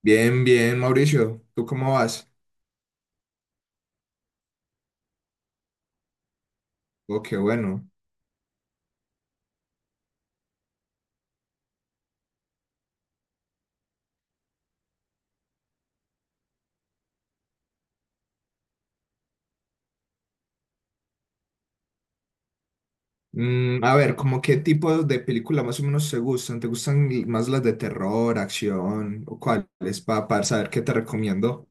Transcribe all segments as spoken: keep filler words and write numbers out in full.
Bien, bien, Mauricio. ¿Tú cómo vas? Oh, qué bueno. Mm, a ver, ¿cómo qué tipo de película más o menos te gustan? ¿Te gustan más las de terror, acción o cuáles? Pa- Para saber qué te recomiendo.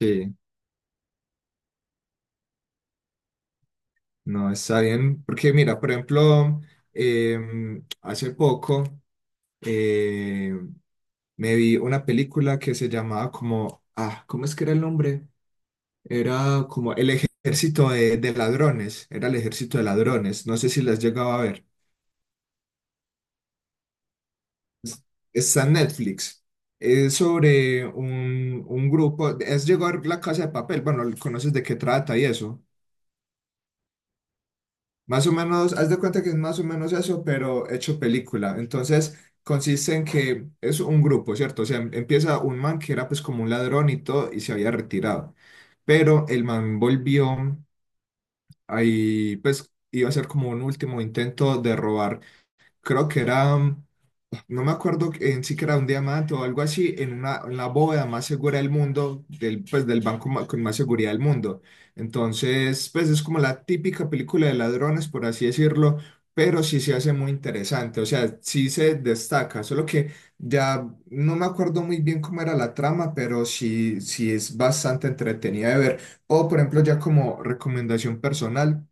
Sí, no, está bien. Porque mira, por ejemplo, em, hace poco eh, me vi una película que se llamaba como, ah, ¿cómo es que era el nombre? Era como El Ejército de, de Ladrones, era El Ejército de Ladrones, no sé si las llegaba a ver. Está en Netflix. Es sobre un, un grupo. Es llegar la casa de papel. Bueno, conoces de qué trata y eso. Más o menos, haz de cuenta que es más o menos eso, pero hecho película. Entonces, consiste en que es un grupo, ¿cierto? O sea, em- empieza un man que era pues como un ladrón y todo y se había retirado. Pero el man volvió ahí, pues iba a ser como un último intento de robar. Creo que era. No me acuerdo en sí que era un diamante o algo así, en una, en la bóveda más segura del mundo, del, pues del banco ma- con más seguridad del mundo. Entonces, pues es como la típica película de ladrones, por así decirlo, pero sí se hace muy interesante, o sea, sí se destaca, solo que ya no me acuerdo muy bien cómo era la trama, pero sí, sí es bastante entretenida de ver. O, por ejemplo, ya como recomendación personal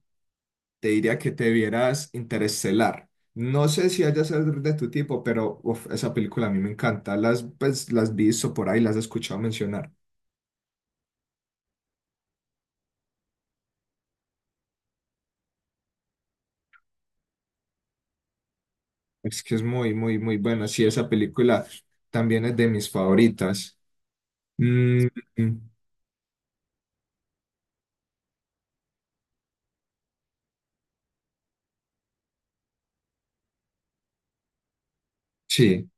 te diría que te vieras Interestelar. No sé si haya ser de tu tipo, pero uf, esa película a mí me encanta. Las, pues, las visto por ahí, las he escuchado mencionar. Es que es muy, muy, muy buena. Sí, esa película también es de mis favoritas. Mm, sí,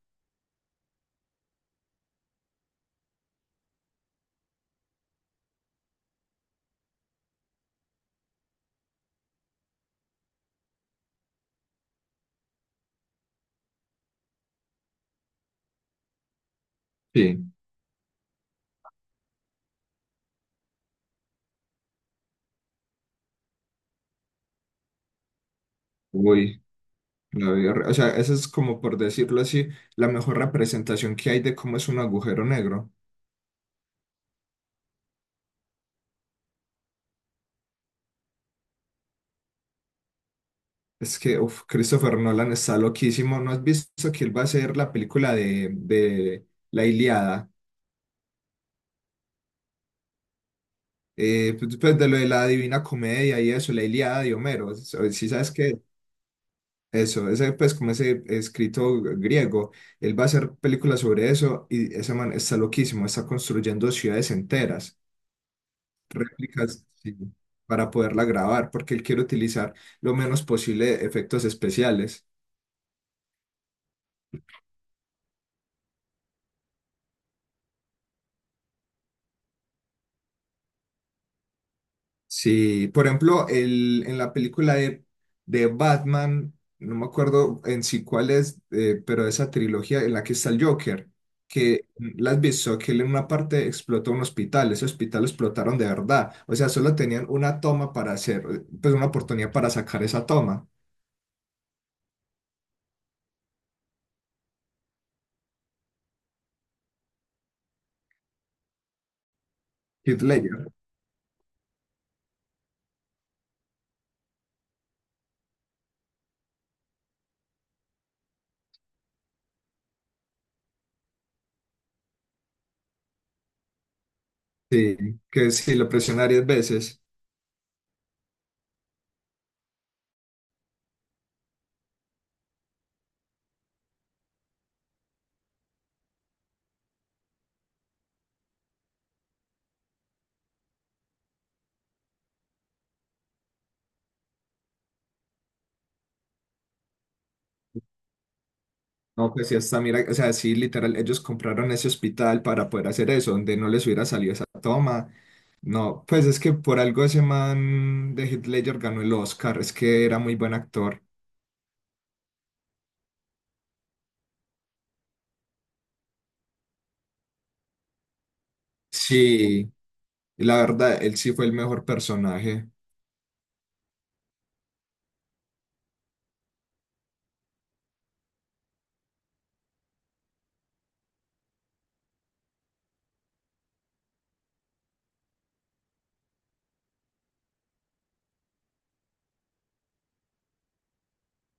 sí. Uy, la vi horri- o sea, esa es como por decirlo así, la mejor representación que hay de cómo es un agujero negro. Es que, uf, Christopher Nolan está loquísimo. ¿No has visto que él va a hacer la película de, de La Ilíada? Eh, pues, pues, de lo de la Divina Comedia y eso, la Ilíada de Homero, eso, si sabes que eso, ese pues como ese escrito griego, él va a hacer películas sobre eso y ese man está loquísimo, está construyendo ciudades enteras, réplicas, sí, para poderla grabar, porque él quiere utilizar lo menos posible efectos especiales. Sí, por ejemplo, el, en la película de, de Batman, no me acuerdo en sí cuál es, eh, pero esa trilogía en la que está el Joker, que mm, la has visto, que él en una parte explotó un hospital, ese hospital lo explotaron de verdad, o sea, solo tenían una toma para hacer, eh, pues una oportunidad para sacar esa toma, Heath Ledger, sí, que si lo presiona diez veces. No, pues sí, hasta mira, o sea, sí, literal, ellos compraron ese hospital para poder hacer eso, donde no les hubiera salido esa toma. No, pues es que por algo ese man de Heath Ledger ganó el Oscar, es que era muy buen actor. Sí, y la verdad, él sí fue el mejor personaje.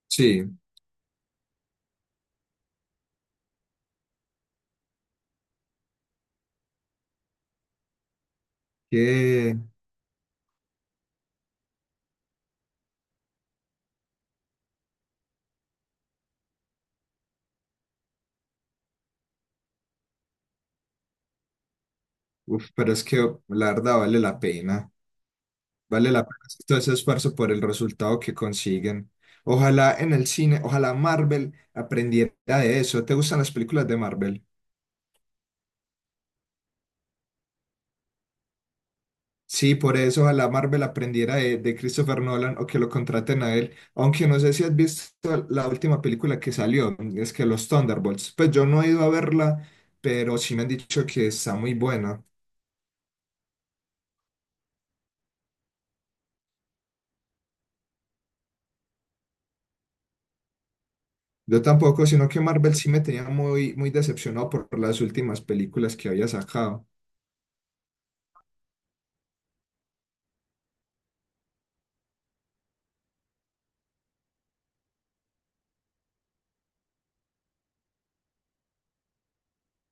Sí, que, uf, pero es que la verdad vale la pena, vale la pena hacer todo ese esfuerzo por el resultado que consiguen. Ojalá en el cine, ojalá Marvel aprendiera de eso. ¿Te gustan las películas de Marvel? Sí, por eso ojalá Marvel aprendiera de, de Christopher Nolan o que lo contraten a él. Aunque no sé si has visto la última película que salió, es que Los Thunderbolts. Pues yo no he ido a verla, pero sí me han dicho que está muy buena. Yo tampoco, sino que Marvel sí me tenía muy, muy decepcionado por las últimas películas que había sacado.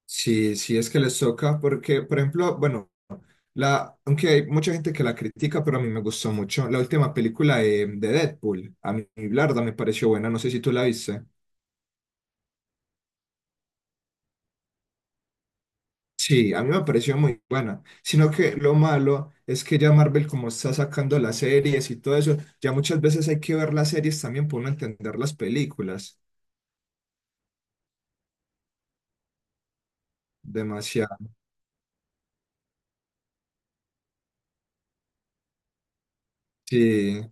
Sí, sí es que les toca, porque, por ejemplo, bueno, la, aunque hay mucha gente que la critica, pero a mí me gustó mucho la última película de, de Deadpool. A mí, la verdad, me pareció buena, no sé si tú la viste. Sí, a mí me pareció muy buena. Sino que lo malo es que ya Marvel, como está sacando las series y todo eso, ya muchas veces hay que ver las series también para uno entender las películas. Demasiado. Sí,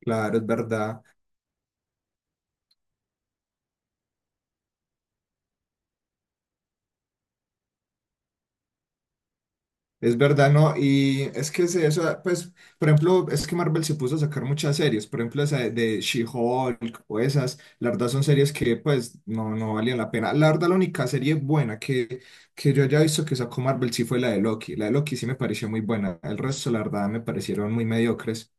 claro, es verdad. Es verdad, ¿no? Y es que se- eso, pues, por ejemplo, es que Marvel se puso a sacar muchas series, por ejemplo, esa de, de She-Hulk o esas, la verdad son series que, pues, no, no valían la pena. La verdad, la única serie buena que, que yo haya visto que sacó Marvel sí fue la de Loki. La de Loki sí me pareció muy buena, el resto, la verdad, me parecieron muy mediocres.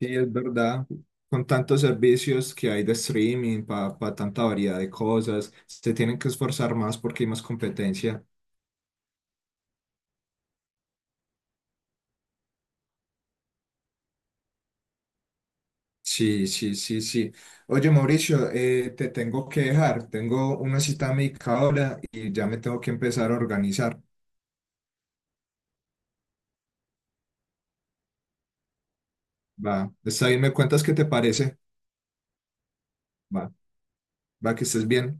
Sí, es verdad, con tantos servicios que hay de streaming, para tanta variedad de cosas, se tienen que esforzar más porque hay más competencia. Sí, sí, sí, sí. Oye, Mauricio, eh, te tengo que dejar. Tengo una cita médica ahora y ya me tengo que empezar a organizar. Va, está bien, me cuentas qué te parece. Va, va, que estés bien.